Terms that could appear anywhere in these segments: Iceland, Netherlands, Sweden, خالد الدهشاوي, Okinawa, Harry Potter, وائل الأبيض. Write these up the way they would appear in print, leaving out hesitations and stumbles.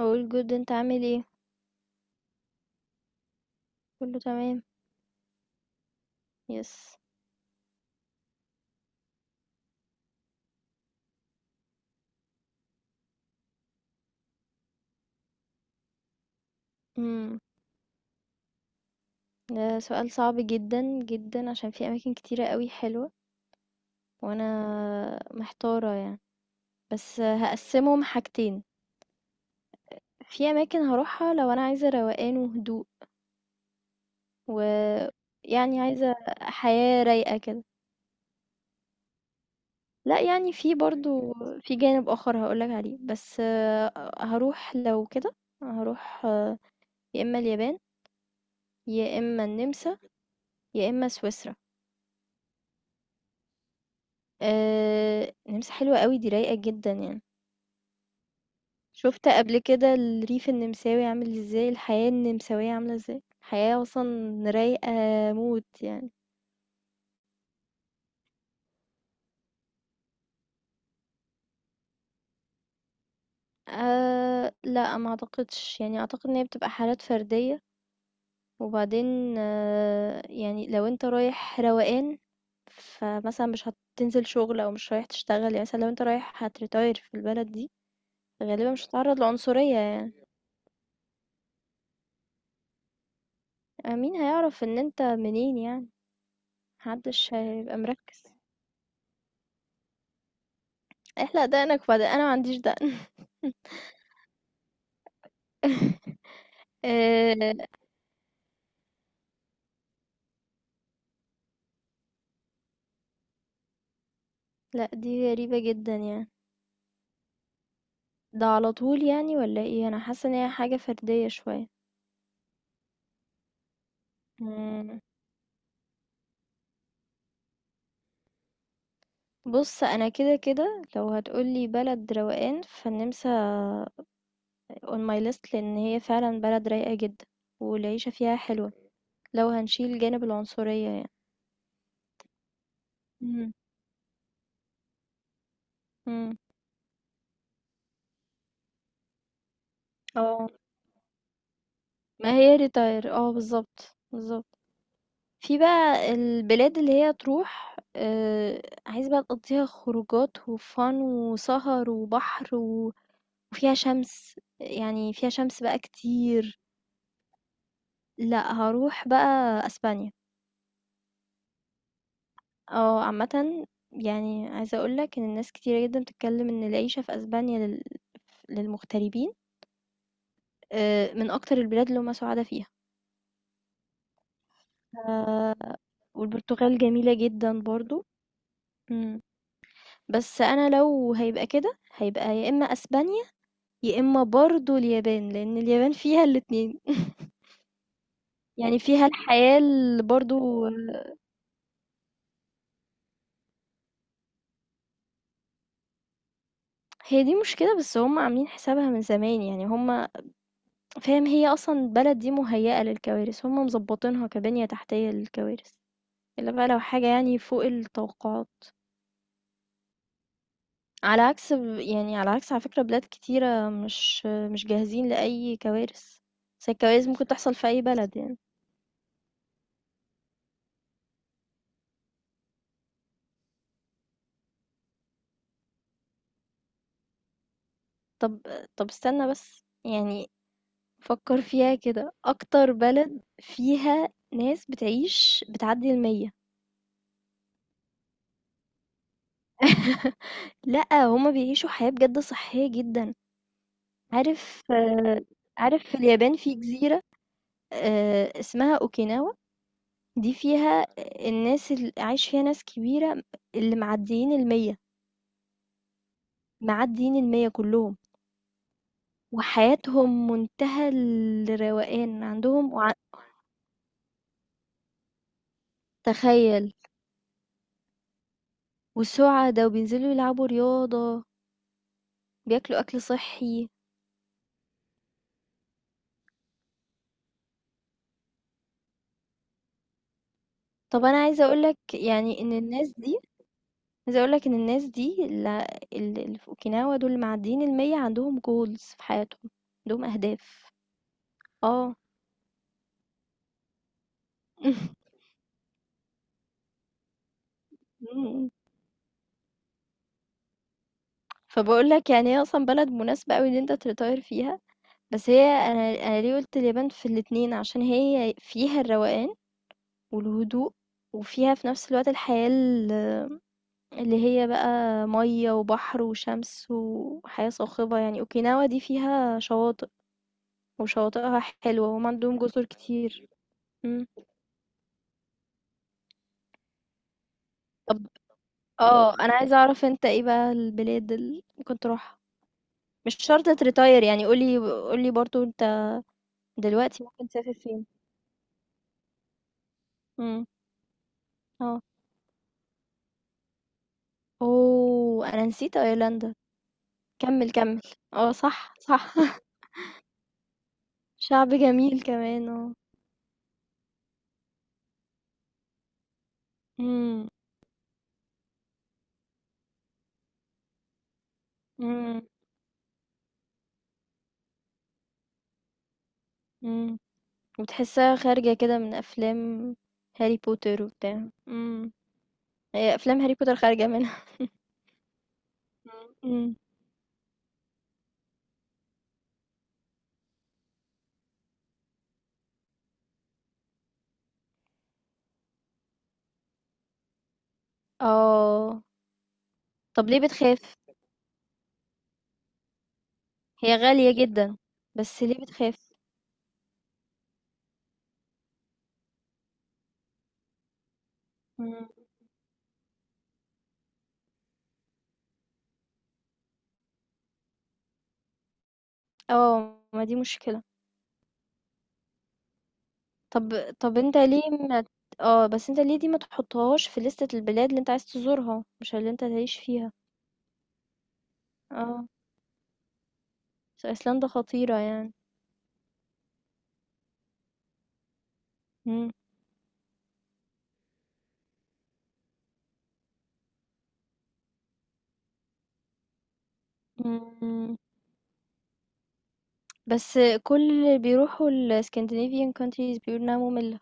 all good أنت عامل إيه؟ كله تمام yes امم ده سؤال صعب جدا جدا عشان في أماكن كتيرة قوي حلوة وأنا محتارة يعني بس هقسمهم حاجتين. في أماكن هروحها لو أنا عايزة روقان وهدوء و يعني عايزة حياة رايقة كده. لا يعني في برضو في جانب آخر هقولك عليه بس هروح لو كده هروح يا إما اليابان يا إما النمسا يا إما سويسرا. النمسا حلوة أوي دي رايقة جدًا يعني. شُفت قبل كده الريف النمساوي عامل إزاي، الحياة النمساوية عاملة إزاي؟ حياة أصلًا رايقة موت يعني. لأ ما أعتقدش، يعني أعتقد إن هي بتبقى حالات فردية، وبعدين أه يعني لو أنت رايح روقان، فمثلًا مش هتنزل شغل أو مش رايح تشتغل، يعني مثلًا لو أنت رايح هتretire في البلد دي، غالبًا مش هتتعرّض لعنصرية يعني. مين هيعرف إن أنت منين يعني، ما حدش هيبقى مركّز. احلق دقنك وبعدين انا ما عنديش دقن آه، لا دي غريبة جدا يعني ده على طول يعني ولا ايه انا حاسة ان هي حاجة فردية شوية. مم. بص انا كده كده لو هتقولي بلد روقان فالنمسا on my list لان هي فعلا بلد رايقة جدا والعيشة فيها حلوة لو هنشيل جانب العنصرية يعني. مم. مم. اه ما هي ريتاير اه بالظبط بالظبط. في بقى البلاد اللي هي تروح عايز بقى تقضّيها خروجات وfun وسهر وبحر و وفيها شمس، يعني فيها شمس بقى كتير. لأ هاروح بقى أسبانيا، عامةً يعني عايزة أقول لك إن الناس كتيرة جدًا بتتكلم إن العيشة في أسبانيا لل للمغتربين من أكتر البلاد اللي هُم سُعَدا فيها. ف والبرتغال جميلة جدًا برضه. إمم، بس أنا لو هيبقى كده، هيبقى يا إما أسبانيا يا إما برضه اليابان، لإن اليابان فيها الاتنين يعني فيها الحياة اللي برضه هي دي مشكلة بس هم عاملين حسابها من زمان يعني هم فاهم هي أصلًا البلد دي مهيأة للكوارث، هم مضبطينها كبنية تحتية للكوارث، إلا بقى لو حاجة يعني فوق التوقعات، على عكس ب يعني على عكس على فكرة بلاد كتيرة مش جاهزين لأي كوارث، بس الكوارث ممكن تحصل في أي بلد يعني. طب طب استنى بس، يعني فكر فيها كده اكتر بلد فيها ناس بتعيش بتعدي المية. لأ هما بيعيشوا حياة بجد صحية جدا عارف عارف في اليابان في جزيرة اسمها اوكيناوا. دي فيها الناس اللي عايش فيها ناس كبيرة اللي معديين المية معديين المية كلهم وحياتهم منتهى الروقان عندهم وع... تخيل والسعدة وبينزلوا يلعبوا رياضة بياكلوا أكل صحي. طب أنا عايزة أقول لك يعني إن الناس دي عايزة أقول لك إن الناس دي ال اللي في أوكيناوا دول اللي معديين المِيّة عندهم goals في حياتهم، عندهم أهداف. آه. إمم، إمم. فباقول لك يعني هي أصلًا بلد مناسبة أوي إن أنت تretire فيها. بس هي أنا ليه قُلت اليابان في الاتنين، عشان هي فيها الروقان والهدوء، وفيها في نفس الوقت الحياة اللي هي بقى مَيّة وبحر وشمس وحياة صاخبة يعني، أوكيناوا دي فيها شواطئ. وشواطئها حلوة وهم عندهم جزر كتير. مم. طب اه انا عايزة اعرف انت ايه بقى البلاد اللي ممكن تروحها مش شرط تريتاير يعني قولي قولي برضو انت دلوقتي ممكن تسافر فين. مم. اه اوه انا نسيت ايرلندا كمل كمل. اه صح صح شعب جميل كمان اه. مم. مم. مم. وتحسها خارجة كده من افلام هاري بوتر وبتاع مم. هي افلام هاري بوتر خارجة منها. مم. مم. اه طب ليه بتخاف؟ هي غالية جدًا، بس ليه بتخاف؟ إمم. آه، ما دي مشكلة. طب طب أنت ليه ما ت آه، بس أنت ليه دي ما تحطّهاش في لِستة البلاد اللي أنت عايز تزورها، مش اللي أنت تعيش فيها. آه، أصل أيسلندا خطيرة يعني. إمم، إمم، بس كل اللي بيروحوا الscandinavian countries بيقولوا إنها مُمِلّة.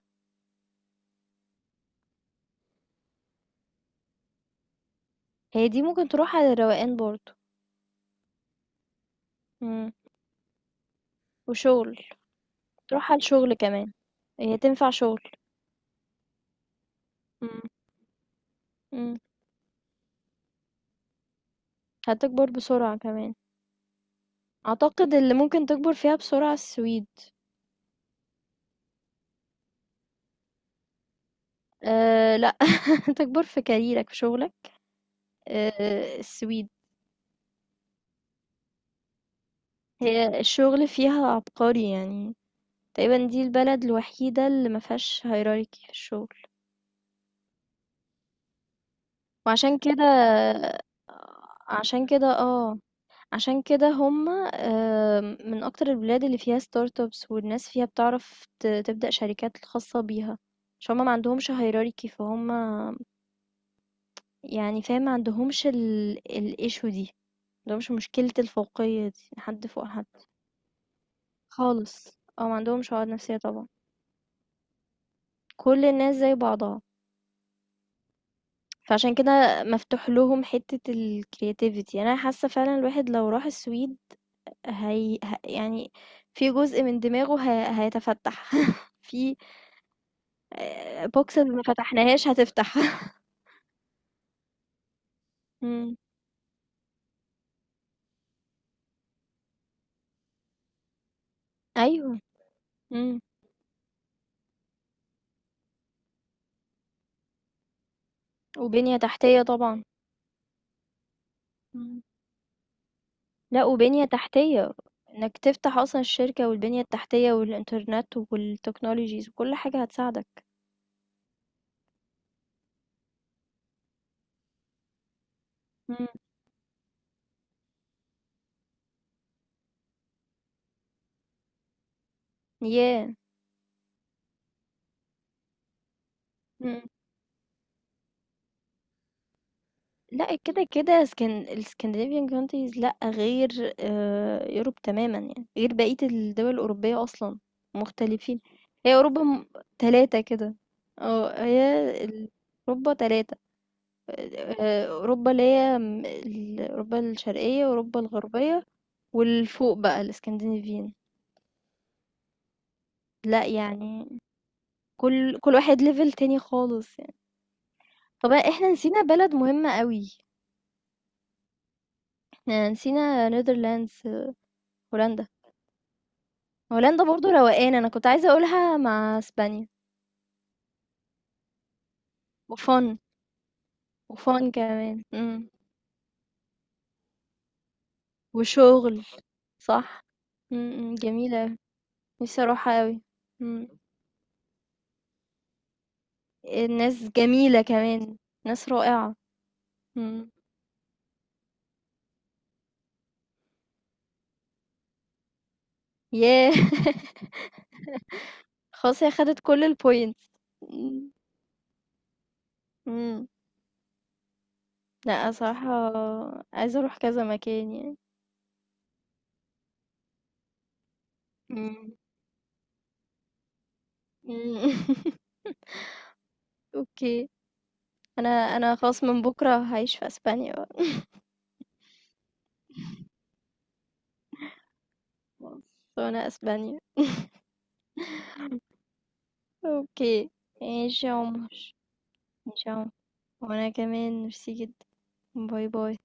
هي دي ممكن تروح على الروقان برضه. إمم، وشغل، تروح على الشغل كمان، هي تنفع شغل. إمم، إمم، هتكبر بسرعة كمان. أعتقد اللي ممكن تكبر فيها بسرعة السويد أه لأ تكبر في كاريرك في شغلك أه السويد. هي الشغل فيها عبقري يعني تقريبا دي البلد الوحيدة اللي ما فيهاش هيراركي في الشغل. وعشان كده عشان كده اه عشان كده هما من أكتر البلاد اللي فيها ستارت ابس والناس فيها بتعرف تبدأ شركات خاصة بيها. عشان هما ما عندهمش هيراركي فهم يعني فاهم ما عندهمش ال issue دي. ده مش مشكلة الفوقية دي حد فوق حد خالص او ما عندهمش عقد نفسية طبعا كل الناس زي بعضها. فعشان كده مفتوح لهم حتة الكرياتيفيتي انا حاسة فعلا الواحد لو راح السويد يعني في جزء من دماغه هيتفتح في بوكس ما فتحناهاش هتفتح مم. ايوه مم. وبنية تحتية طبعا مم. لأ وبنية تحتية، إنك تفتح أصلًا الشركة والبنية التحتية والإنترنت والtechnologies وكل حاجة هتساعدك. إمم. ياه! إمم. لأ كده، كده اسكن الscandinavian countries لأ غير Europe تمامًا يعني، غير بقية الدول الأوروبية أصلًا، مختلفين. هي أوروبا م 3 كده، آه هي ال أوروبا 3. أوروبا اللي هي م ال أوروبا الشرقية، أوروبا الغربية، والفوق بقى الscandinavian. لأ، يعني كل واحد level تاني خالص يعني. طَب إحنا نسينا بلد مهمة أوي، إحنا نسينا Netherlands، هولندا. هولندا برضه روقان، أنا كنت عايزة أقولها مع إسبانيا وfun وfun كمان، وشغل، صح، إمم، إمم، جميلة أوي، نفسي أروحها أوي، إمم، الناس جميلة كمان، ناس رائعة، إمم. ياه! خلاص هي خدت كل الpoints. إمم، إمم، لأ، صراحة عايزة أروح كذا مكان يعني. إمم. إمم. أوكي. أنا خلاص من بُكرة هاعيش في أسبانيا بقى خلاص، أنا أسبانيا. أوكي. ماشي يا عمر، ماشي يا عمر وأنا كمان ميرسي جدًا. باي باي.